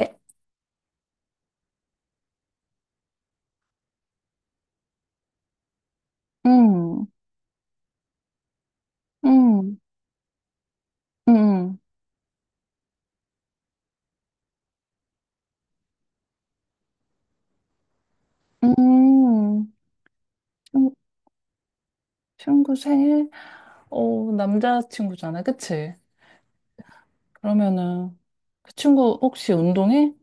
예? 음, 음, 음, 음. 친- 친구 생일? 어, 남자친구잖아, 그치? 그러면은, 그 친구 혹시 운동해?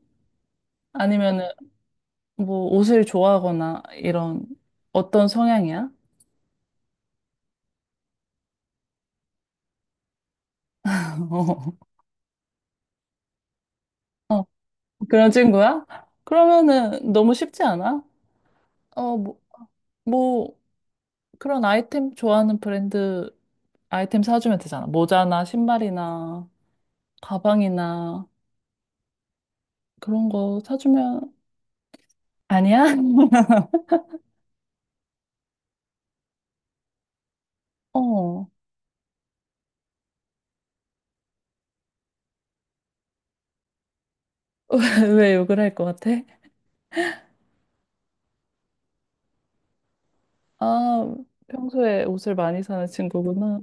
아니면은, 뭐, 옷을 좋아하거나, 이런, 어떤 성향이야? 어, 어, 그런 친구야? 그러면은, 너무 쉽지 않아? 어, 뭐, 뭐, 그런 아이템 좋아하는 브랜드 아이템 사주면 되잖아. 모자나, 신발이나, 가방이나, 그런 거 사주면, 아니야? 어, 왜 욕을 할 것 같아? 아, 평소에 옷을 많이 사는 친구구나.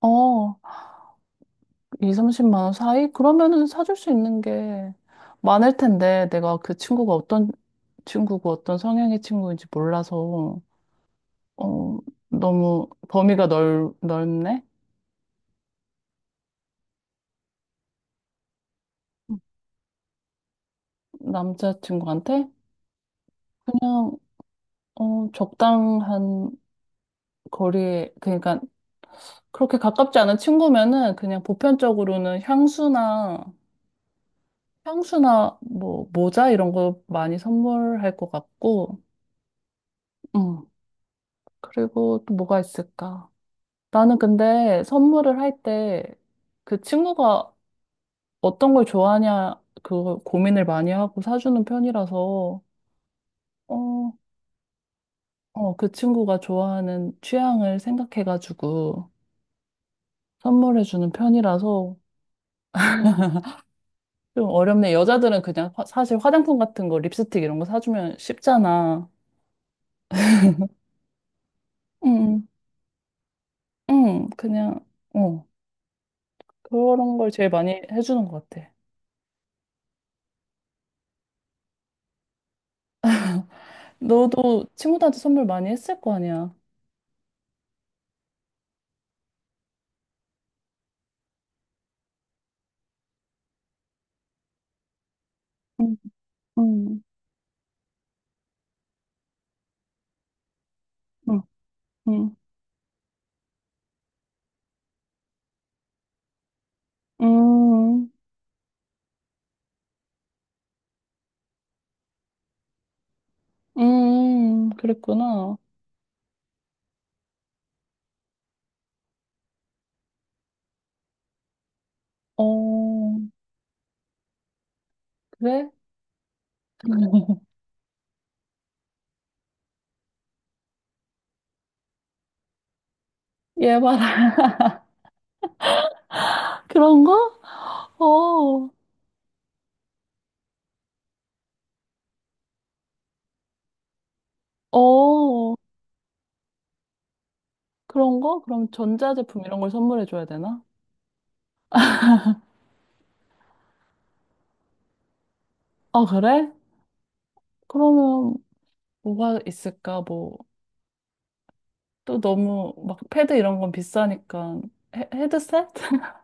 어, 2, 30만 원 사이? 그러면은 사줄 수 있는 게 많을 텐데, 내가 그 친구가 어떤 친구고 어떤 성향의 친구인지 몰라서, 어, 너무 범위가 넓네? 남자친구한테? 그냥, 어, 적당한 거리에, 그러니까, 그렇게 가깝지 않은 친구면은 그냥 보편적으로는 향수나 뭐 모자 이런 거 많이 선물할 것 같고, 음. 그리고 또 뭐가 있을까? 나는 근데 선물을 할 때 그 친구가 어떤 걸 좋아하냐 그거 고민을 많이 하고 사주는 편이라서, 어, 어, 그 친구가 좋아하는 취향을 생각해가지고 선물해주는 편이라서 좀 어렵네. 여자들은 그냥 사실 화장품 같은 거, 립스틱 이런 거 사주면 쉽잖아. 응, 응, 그냥. 어. 그런 걸 제일 많이 해주는 것 같아. 너도 친구들한테 선물 많이 했을 거 아니야. 응, 응, 응, 응, 응, 응, 그랬구나. 어, 그래? 얘 봐라. 그런 거? 어, 어, 그런 거? 그럼 전자제품 이런 걸 선물해 줘야 되나? 아, 그래? 그러면 뭐가 있을까? 뭐, 또 너무 막 패드 이런 건 비싸니까 헤드셋?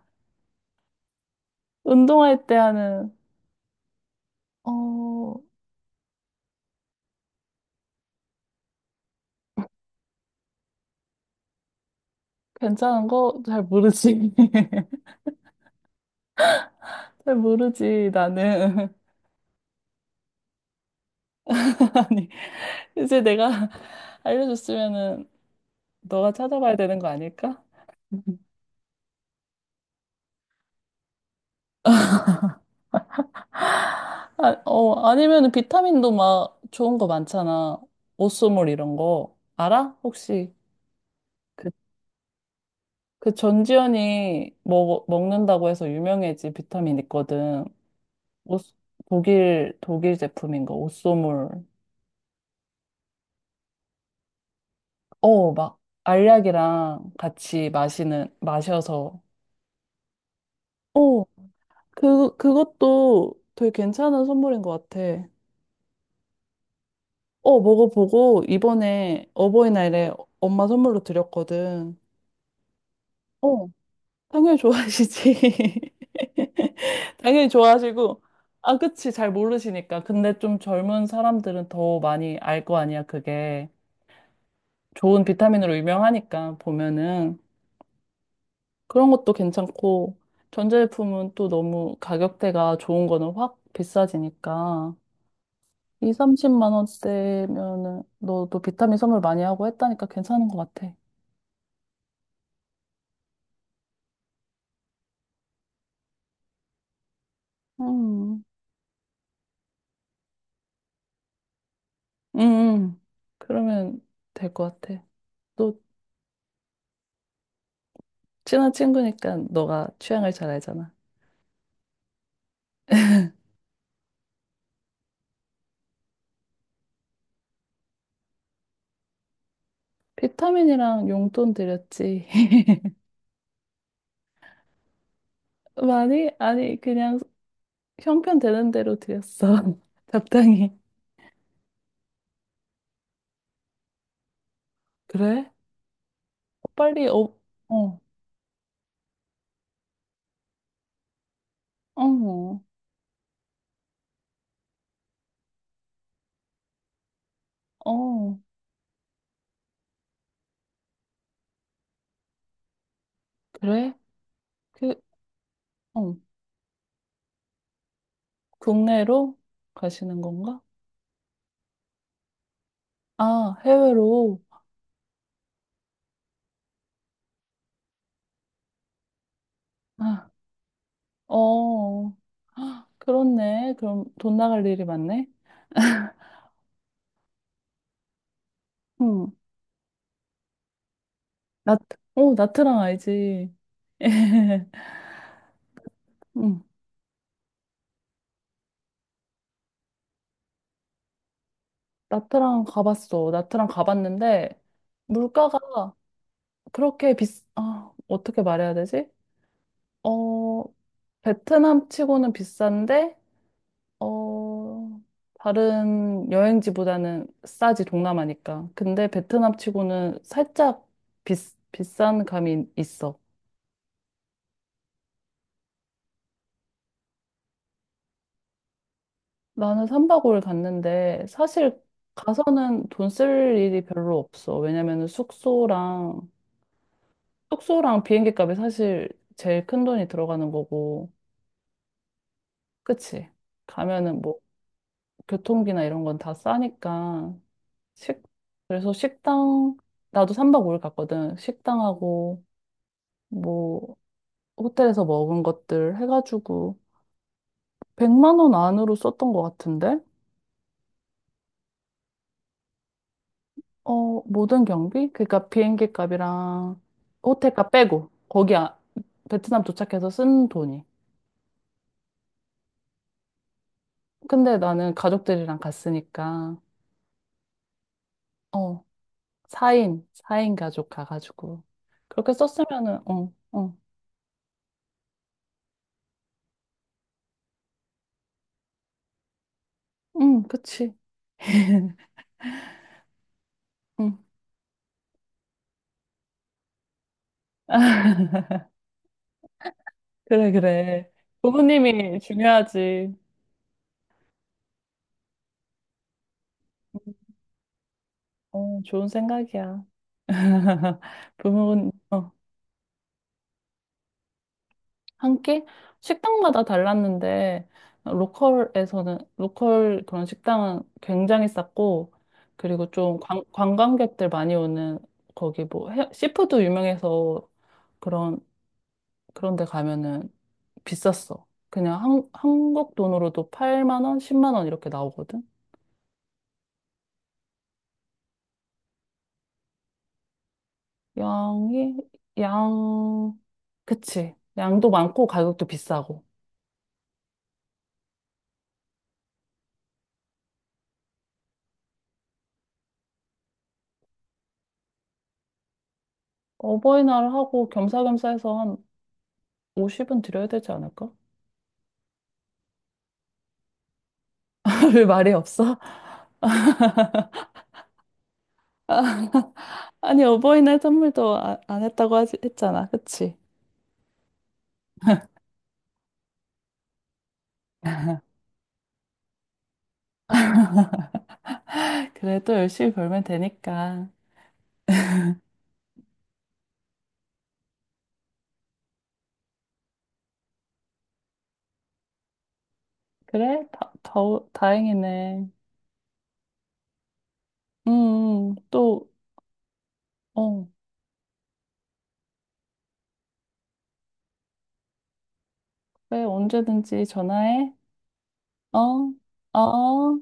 운동할 때 하는, 어, 괜찮은 거 잘 모르지. 잘 모르지, 나는. 아니, 이제 내가 알려줬으면은 너가 찾아봐야 되는 거 아닐까? 아, 어, 아니면은 비타민도 막 좋은 거 많잖아. 오쏘물 이런 거. 알아? 혹시? 그, 그 전지현이 먹는다고 해서 유명해진 비타민 있거든. 오쏘- 독일 제품인 거, 오쏘물. 어, 막 알약이랑 같이 마시는, 마셔서. 어, 그것도 되게 괜찮은 선물인 것 같아. 어, 먹어보고 이번에 어버이날에 엄마 선물로 드렸거든. 어, 당연히 좋아하시지. 당연히 좋아하시고. 아, 그치. 잘 모르시니까. 근데 좀 젊은 사람들은 더 많이 알 거 아니야, 그게. 좋은 비타민으로 유명하니까, 보면은. 그런 것도 괜찮고, 전자제품은 또 너무 가격대가 좋은 거는 확 비싸지니까. 2, 30만 원대면은 너도 비타민 선물 많이 하고 했다니까 괜찮은 것 같아. 음, 응, 응. 그러면 될 것 같아. 너 친한 친구니까 너가 취향을 잘 알잖아. 비타민이랑 용돈 드렸지. 많이? 아니, 그냥 형편 되는 대로 드렸어. 적당히. 그래? 빨리, 어, 어, 어, 어, 그래? 그, 어, 국내로 가시는 건가? 아, 해외로. 아. 어, 헉, 그렇네. 그럼 돈 나갈 일이 많네. 응. 나트, 어, 나트랑 알지. 응. 나트랑 가봤어. 나트랑 가봤는데, 물가가 그렇게 아, 어떻게 말해야 되지? 어, 베트남 치고는 비싼데, 어, 다른 여행지보다는 싸지, 동남아니까. 근데 베트남 치고는 살짝 비, 비싼 감이 있어. 나는 3박 5일 갔는데 사실 가서는 돈 쓸 일이 별로 없어. 왜냐면은 숙소랑 비행기 값이 사실 제일 큰 돈이 들어가는 거고. 그치? 가면은 뭐 교통비나 이런 건 다 싸니까. 식 그래서 식당 나도 3박 5일 갔거든. 식당하고 뭐 호텔에서 먹은 것들 해가지고 100만 원 안으로 썼던 것 같은데? 어, 모든 경비? 그러니까 비행기 값이랑 호텔 값 빼고 거기 아, 베트남 도착해서 쓴 돈이. 근데 나는 가족들이랑 갔으니까 어, 4인, 사인 가족 가가지고 그렇게 썼으면은 어, 어. 응, 그치. 응. 그래, 그래. 부모님이 중요하지. 응, 어, 좋은 생각이야. 부모님, 어. 한 끼? 식당마다 달랐는데, 로컬에서는, 로컬 그런 식당은 굉장히 쌌고, 그리고 좀 관광객들 많이 오는, 거기 뭐, 시푸드 유명해서 그런, 그런 데 가면은 비쌌어. 그냥 한국 돈으로도 8만 원, 10만 원 이렇게 나오거든? 양이, 양, 그치. 양도 많고 가격도 비싸고. 어버이날 하고 겸사겸사 해서 한 50은 드려야 되지 않을까? 별 말이 없어? 아, 아니, 어버이날 선물도 안 했다고 하지, 했잖아. 그치? 그래도 열심히 벌면 되니까. 그래? 다행이네. 또, 어, 그래, 언제든지 전화해. 어, 어.